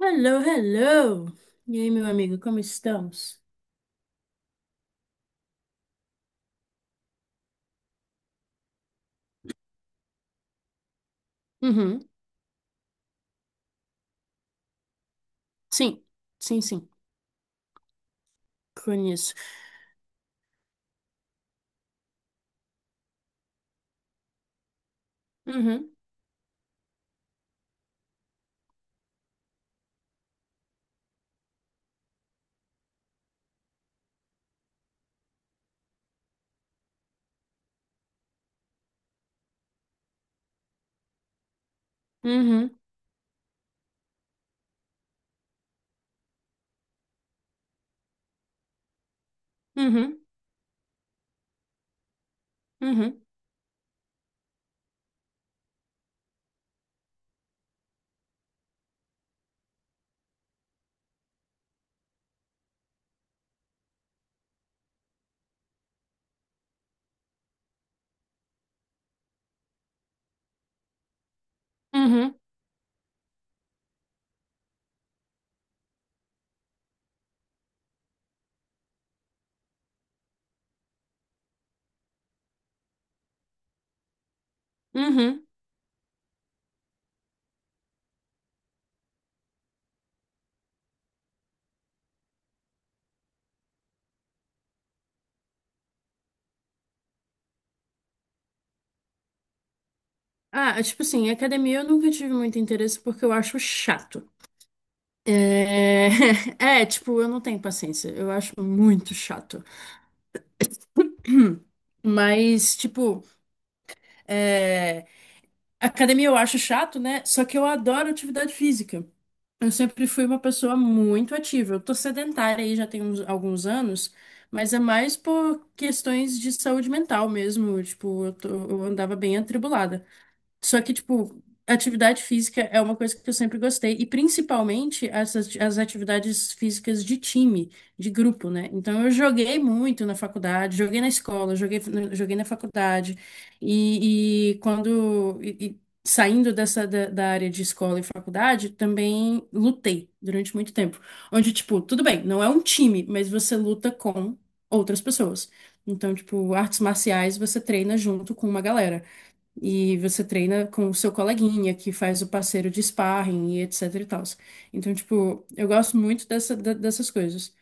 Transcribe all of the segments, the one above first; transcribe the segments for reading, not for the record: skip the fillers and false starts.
Hello, hello! E aí, meu amigo, como estamos? Uhum. Sim, sim, sim. Conheço. Uhum, uhum, uhum, uhum, uhum, uhum. Ah, tipo assim, academia eu nunca tive muito interesse porque eu acho chato. É... É, tipo, eu não tenho paciência. Eu acho muito chato. Mas, tipo, é, academia eu acho chato, né? Só que eu adoro atividade física. Eu sempre fui uma pessoa muito ativa. Eu tô sedentária aí já tem alguns anos, mas é mais por questões de saúde mental mesmo. Tipo, eu andava bem atribulada. Só que, tipo, atividade física é uma coisa que eu sempre gostei, e principalmente as atividades físicas de time, de grupo, né? Então, eu joguei muito na faculdade, joguei na escola, joguei na faculdade, e saindo da área de escola e faculdade, também lutei durante muito tempo. Onde, tipo, tudo bem, não é um time, mas você luta com outras pessoas. Então, tipo, artes marciais você treina junto com uma galera. E você treina com o seu coleguinha que faz o parceiro de sparring e etc e tal. Então, tipo, eu gosto muito dessas coisas.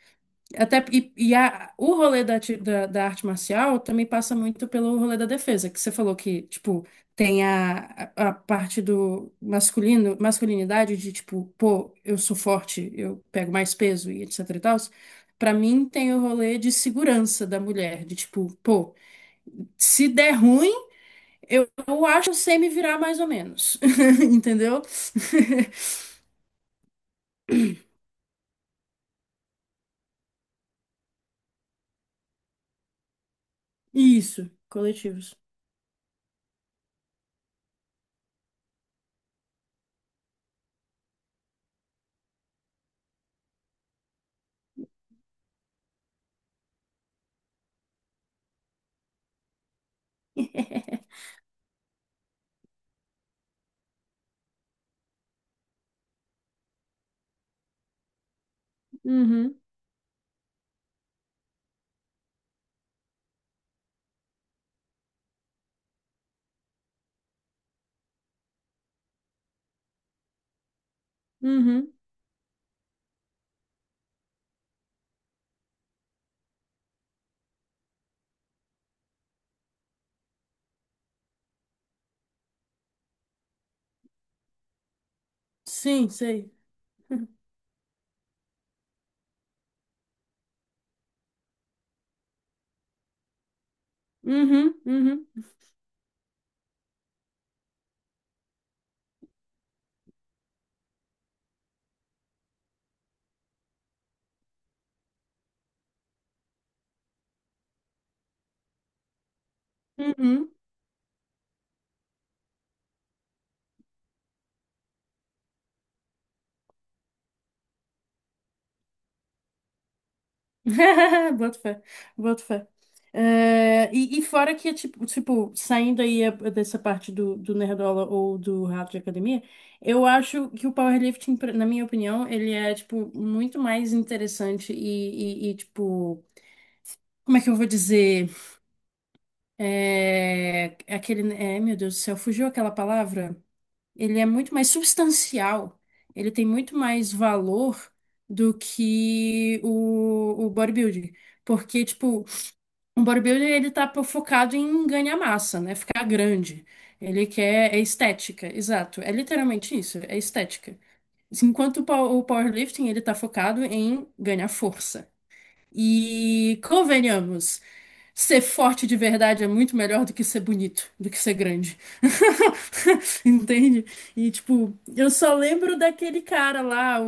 Até, e a- O rolê da arte marcial também passa muito pelo rolê da defesa, que você falou que, tipo, tem a parte do masculino, masculinidade de, tipo, pô, eu sou forte, eu pego mais peso e etc e tal. Pra mim, tem o rolê de segurança da mulher, de, tipo, pô, se der ruim. Eu acho que eu sei me virar mais ou menos, entendeu? Isso, coletivos. Uhum, uhum. Sim, sei. Uhum, uhum, uhum. Boto fé, boto fé. É, e fora que, é tipo, tipo, saindo aí dessa parte do, do Nerdola ou do Rato de Academia, eu acho que o powerlifting, na minha opinião, ele é, tipo, muito mais interessante tipo, como é que eu vou dizer? Meu Deus do céu, fugiu aquela palavra? Ele é muito mais substancial, ele tem muito mais valor do que o bodybuilding. Porque, tipo, um bodybuilding ele focado em ganhar massa, né? Ficar grande. É estética, exato. É literalmente isso, é estética. Enquanto o powerlifting ele tá focado em ganhar força. E convenhamos, ser forte de verdade é muito melhor do que ser bonito, do que ser grande. Entende? E tipo, eu só lembro daquele cara lá, o,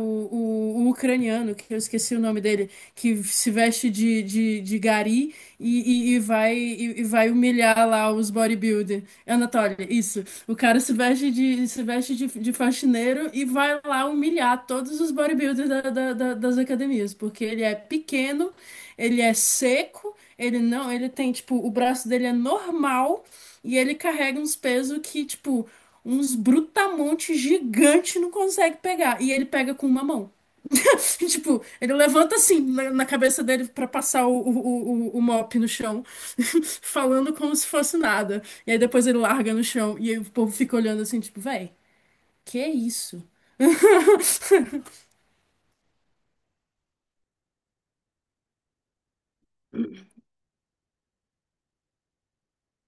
o, o ucraniano, que eu esqueci o nome dele, que se veste de gari e vai humilhar lá os bodybuilder. Anatoly, isso. O cara se veste de, se veste de faxineiro e vai lá humilhar todos os bodybuilders das academias, porque ele é pequeno, ele é seco, ele não, ele tem, tipo, o braço dele é normal e ele carrega uns pesos que, tipo, uns brutamontes gigante não consegue pegar. E ele pega com uma mão. Tipo, ele levanta assim na cabeça dele pra passar o mop no chão, falando como se fosse nada. E aí depois ele larga no chão e aí o povo fica olhando assim, tipo, véi, que isso?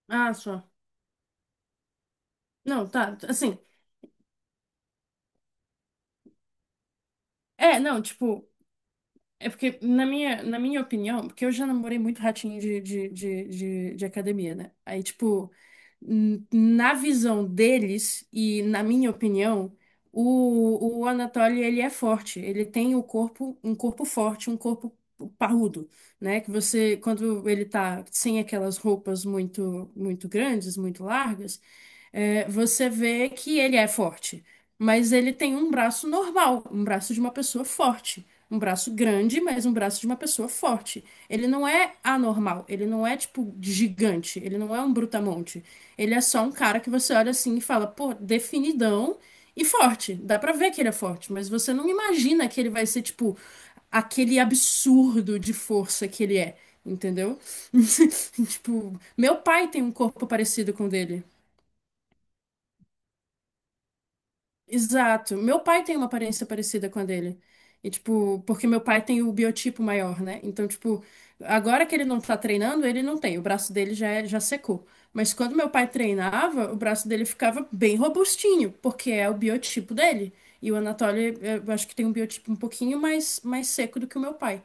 Ah, só. Não, tá, assim. É, não, tipo, é porque, na minha opinião, porque eu já namorei muito ratinho de academia, né? Aí, tipo, na visão deles e na minha opinião, o Anatoly, ele é forte. Ele tem o corpo, um corpo forte, um corpo parrudo, né? Que você, quando ele tá sem aquelas roupas muito, muito grandes, muito largas, é, você vê que ele é forte. Mas ele tem um braço normal, um braço de uma pessoa forte. Um braço grande, mas um braço de uma pessoa forte. Ele não é anormal, ele não é tipo gigante, ele não é um brutamonte. Ele é só um cara que você olha assim e fala, pô, definidão e forte. Dá pra ver que ele é forte, mas você não imagina que ele vai ser tipo aquele absurdo de força que ele é, entendeu? Tipo, meu pai tem um corpo parecido com o dele. Exato. Meu pai tem uma aparência parecida com a dele. E, tipo, porque meu pai tem o biotipo maior, né? Então, tipo, agora que ele não tá treinando, ele não tem. O braço dele já, já secou. Mas quando meu pai treinava, o braço dele ficava bem robustinho, porque é o biotipo dele. E o Anatoly, eh, eu acho que tem um biotipo um pouquinho mais, mais seco do que o meu pai.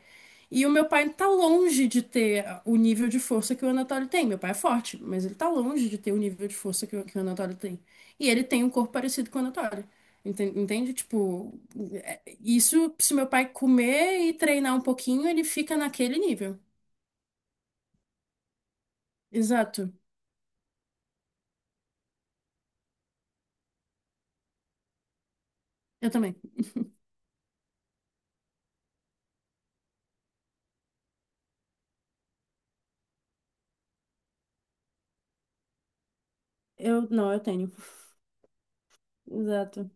E o meu pai tá longe de ter o nível de força que o Anatoly tem. Meu pai é forte, mas ele tá longe de ter o nível de força que que o Anatoly tem. E ele tem um corpo parecido com o Anatoly. Entende? Tipo, isso, se meu pai comer e treinar um pouquinho, ele fica naquele nível. Exato. Eu também. Eu, não, eu tenho. Exato.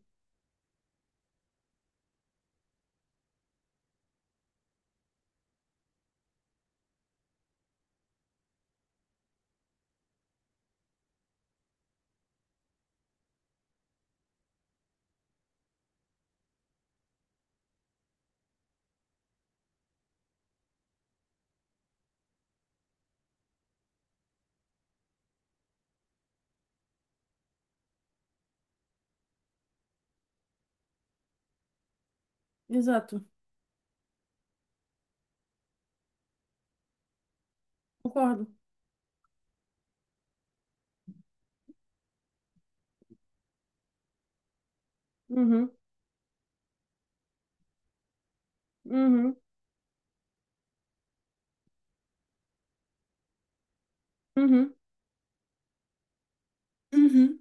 Exato. Concordo. Uhum, uhum, uhum, uhum.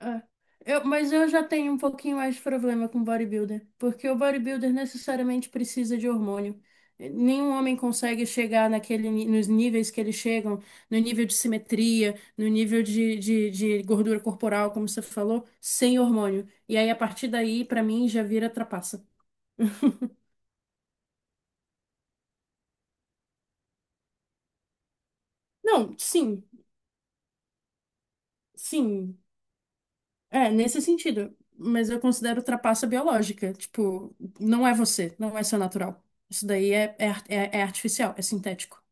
É. Eu, mas eu já tenho um pouquinho mais de problema com bodybuilder, porque o bodybuilder necessariamente precisa de hormônio. Nenhum homem consegue chegar nos níveis que eles chegam, no nível de simetria, no nível de gordura corporal, como você falou, sem hormônio. E aí, a partir daí, pra mim, já vira trapaça. Não, sim, sim, é nesse sentido. Mas eu considero trapaça biológica. Tipo, não é você, não é seu natural. Isso daí é, é artificial, é sintético.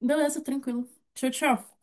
Beleza, tranquilo. Tchau, tchau.